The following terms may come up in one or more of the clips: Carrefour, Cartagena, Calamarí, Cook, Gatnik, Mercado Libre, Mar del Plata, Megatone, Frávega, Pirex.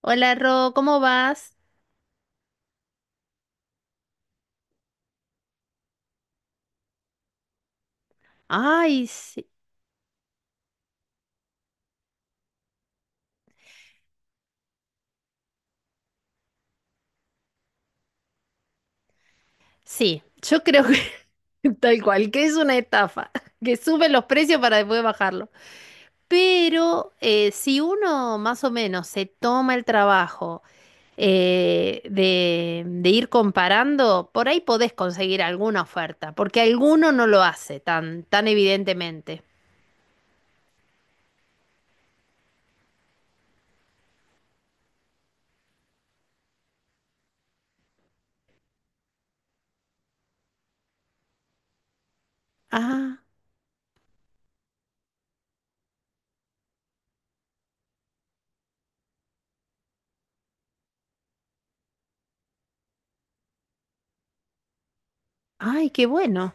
Hola Ro, ¿cómo vas? Ay, sí. Sí, yo creo que tal cual, que es una estafa, que suben los precios para después bajarlo. Pero si uno más o menos se toma el trabajo de ir comparando, por ahí podés conseguir alguna oferta, porque alguno no lo hace tan, tan evidentemente. Ah, ay, qué bueno,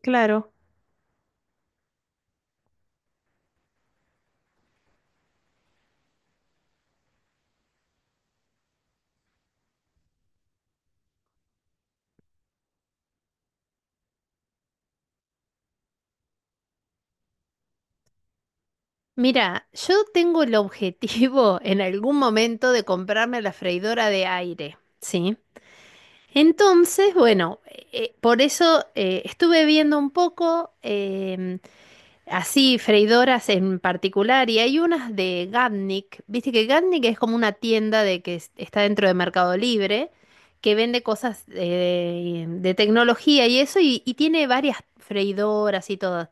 claro. Mira, yo tengo el objetivo en algún momento de comprarme la freidora de aire, ¿sí? Entonces, bueno, por eso estuve viendo un poco así freidoras en particular y hay unas de Gatnik, viste que Gatnik es como una tienda de que está dentro de Mercado Libre que vende cosas de tecnología y eso y tiene varias freidoras y todas.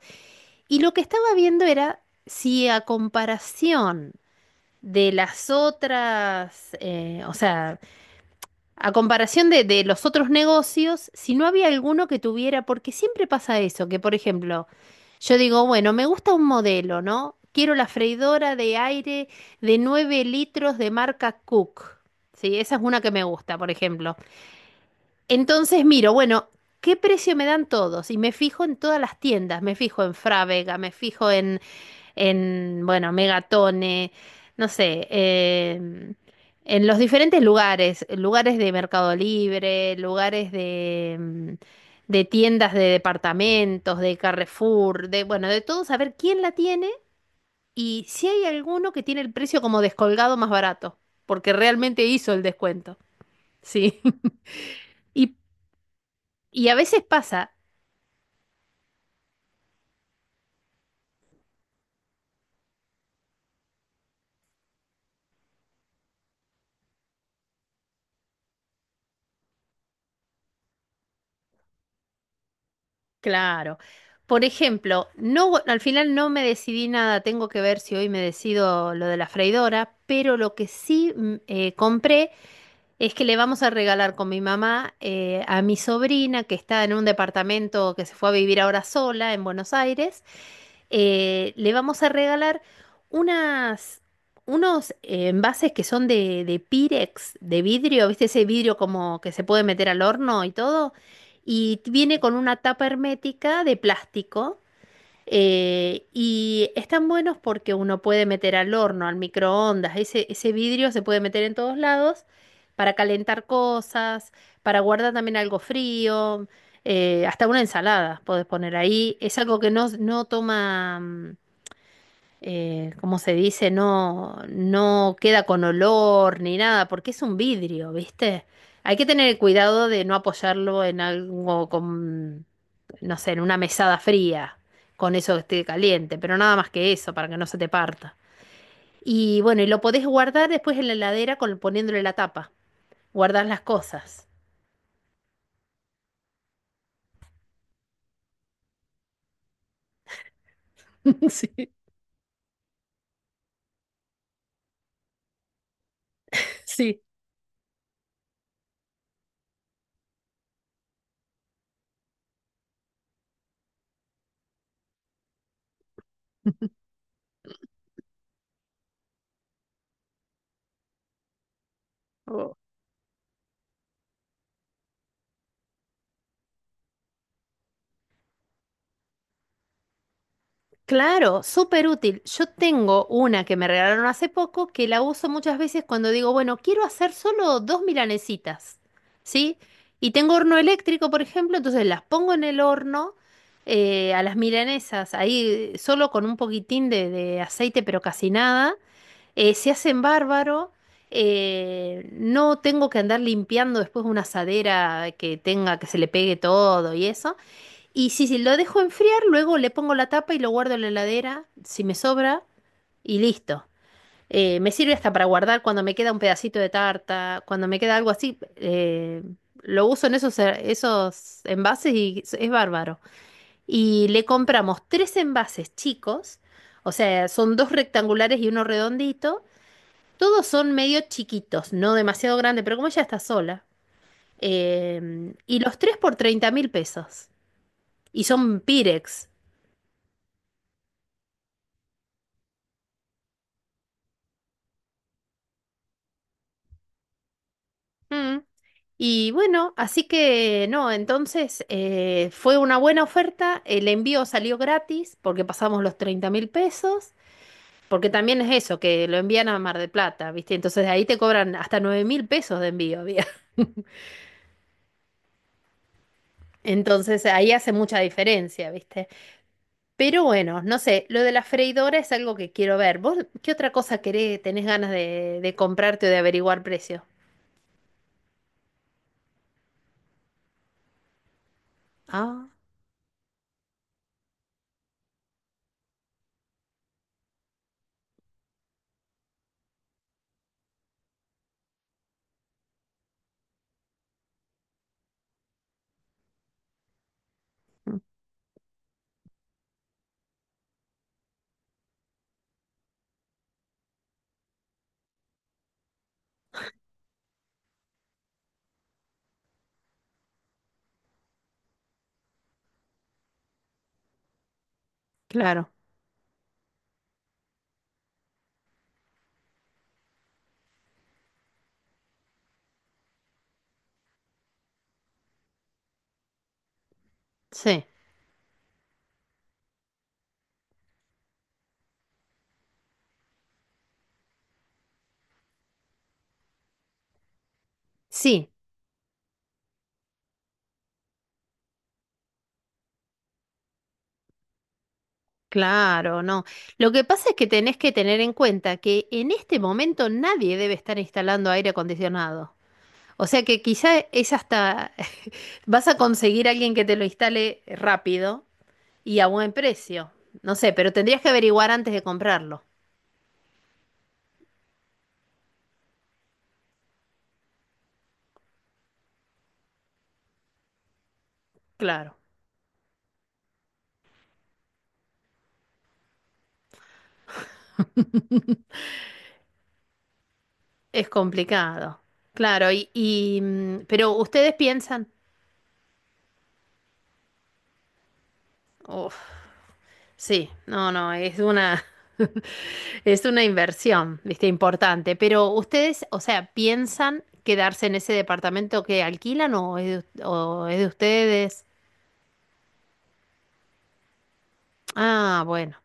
Y lo que estaba viendo era si a comparación de las otras, o sea, a comparación de los otros negocios, si no había alguno que tuviera, porque siempre pasa eso, que por ejemplo, yo digo, bueno, me gusta un modelo, ¿no? Quiero la freidora de aire de 9 litros de marca Cook. Sí, esa es una que me gusta, por ejemplo. Entonces miro, bueno, ¿qué precio me dan todos? Y me fijo en todas las tiendas, me fijo en Frávega, me fijo en, bueno, Megatone, no sé, en los diferentes lugares, lugares de Mercado Libre, lugares de, de tiendas de departamentos, de Carrefour, de, bueno, de todo, saber quién la tiene y si hay alguno que tiene el precio como descolgado más barato, porque realmente hizo el descuento. Sí. Y, y a veces pasa. Claro. Por ejemplo, no, al final no me decidí nada, tengo que ver si hoy me decido lo de la freidora, pero lo que sí compré es que le vamos a regalar con mi mamá a mi sobrina que está en un departamento que se fue a vivir ahora sola en Buenos Aires. Le vamos a regalar unas, unos envases que son de Pirex, de vidrio, ¿viste? Ese vidrio como que se puede meter al horno y todo. Y viene con una tapa hermética de plástico. Y están buenos porque uno puede meter al horno, al microondas. Ese vidrio se puede meter en todos lados para calentar cosas, para guardar también algo frío, hasta una ensalada podés poner ahí. Es algo que no, no toma, ¿cómo se dice? No, no queda con olor ni nada, porque es un vidrio, ¿viste? Hay que tener cuidado de no apoyarlo en algo con, no sé, en una mesada fría, con eso que esté caliente, pero nada más que eso, para que no se te parta. Y bueno, y lo podés guardar después en la heladera con, poniéndole la tapa. Guardar las cosas. Sí, sí. Claro, súper útil. Yo tengo una que me regalaron hace poco que la uso muchas veces cuando digo, bueno, quiero hacer solo dos milanesitas, ¿sí? Y tengo horno eléctrico, por ejemplo, entonces las pongo en el horno a las milanesas, ahí solo con un poquitín de aceite, pero casi nada. Se hacen bárbaro. No tengo que andar limpiando después una asadera que tenga, que se le pegue todo y eso. Y si, si lo dejo enfriar, luego le pongo la tapa y lo guardo en la heladera, si me sobra, y listo. Me sirve hasta para guardar cuando me queda un pedacito de tarta, cuando me queda algo así. Lo uso en esos, esos envases y es bárbaro. Y le compramos tres envases chicos, o sea, son dos rectangulares y uno redondito. Todos son medio chiquitos, no demasiado grande, pero como ella está sola. Y los tres por $30.000. Y son Pirex. Mm. Y bueno, así que no, entonces fue una buena oferta, el envío salió gratis porque pasamos los $30.000, porque también es eso, que lo envían a Mar del Plata, ¿viste? Entonces ahí te cobran hasta $9.000 de envío, había. Entonces ahí hace mucha diferencia, ¿viste? Pero bueno, no sé, lo de la freidora es algo que quiero ver. ¿Vos qué otra cosa querés, tenés ganas de comprarte o de averiguar precio? Ah, claro, sí. Sí, claro, no. Lo que pasa es que tenés que tener en cuenta que en este momento nadie debe estar instalando aire acondicionado. O sea que quizá es hasta vas a conseguir a alguien que te lo instale rápido y a buen precio. No sé, pero tendrías que averiguar antes de comprarlo. Claro, es complicado. Claro, y, mm, pero ustedes piensan, uf, sí, no, no, es una, es una inversión, ¿viste? Importante. Pero ustedes, o sea, ¿piensan quedarse en ese departamento que alquilan o es de ustedes? Ah, bueno.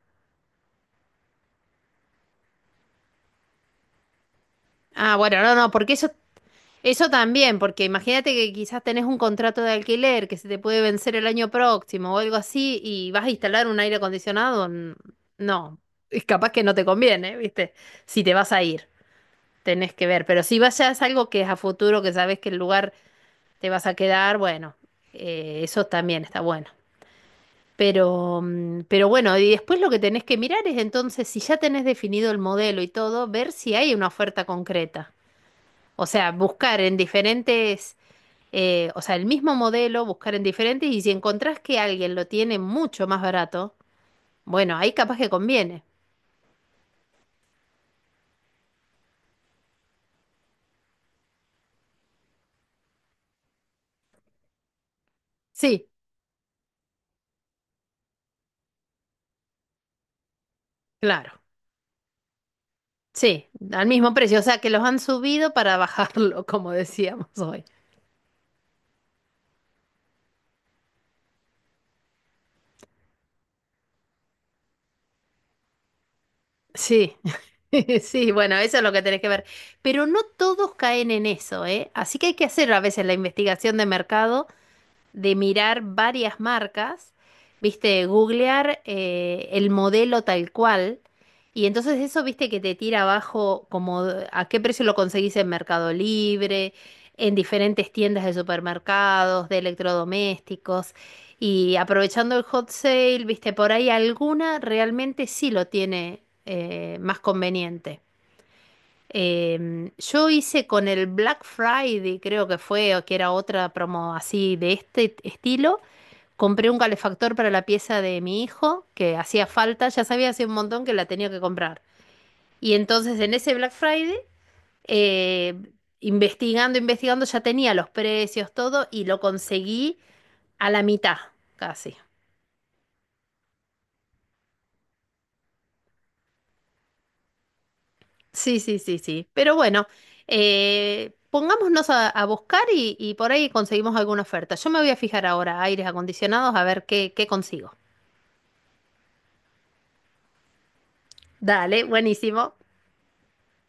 Ah, bueno, no, no, porque eso también, porque imagínate que quizás tenés un contrato de alquiler que se te puede vencer el año próximo o algo así y vas a instalar un aire acondicionado. No, es capaz que no te conviene, ¿viste? Si te vas a ir, tenés que ver. Pero si vas ya es algo que es a futuro, que sabes que el lugar te vas a quedar, bueno, eso también está bueno. Pero, mm, pero bueno, y después lo que tenés que mirar es entonces, si ya tenés definido el modelo y todo, ver si hay una oferta concreta. O sea, buscar en diferentes, o sea, el mismo modelo, buscar en diferentes, y si encontrás que alguien lo tiene mucho más barato, bueno, ahí capaz que conviene. Sí, claro. Sí, al mismo precio. O sea, que los han subido para bajarlo, como decíamos hoy. Sí, sí, bueno, eso es lo que tenés que ver. Pero no todos caen en eso, ¿eh? Así que hay que hacer a veces la investigación de mercado de mirar varias marcas, viste, de googlear el modelo tal cual. Y entonces eso, viste, que te tira abajo como a qué precio lo conseguís en Mercado Libre, en diferentes tiendas de supermercados, de electrodomésticos. Y aprovechando el hot sale, viste, por ahí alguna realmente sí lo tiene más conveniente. Yo hice con el Black Friday, creo que fue, o que era otra promo así de este estilo. Compré un calefactor para la pieza de mi hijo, que hacía falta, ya sabía hace un montón que la tenía que comprar. Y entonces en ese Black Friday, eh, investigando, investigando, ya tenía los precios, todo, y lo conseguí a la mitad, casi. Sí, sí, sí, sí. Pero bueno, pongámonos a buscar y por ahí conseguimos alguna oferta. Yo me voy a fijar ahora aires acondicionados a ver qué, qué consigo. Dale, buenísimo.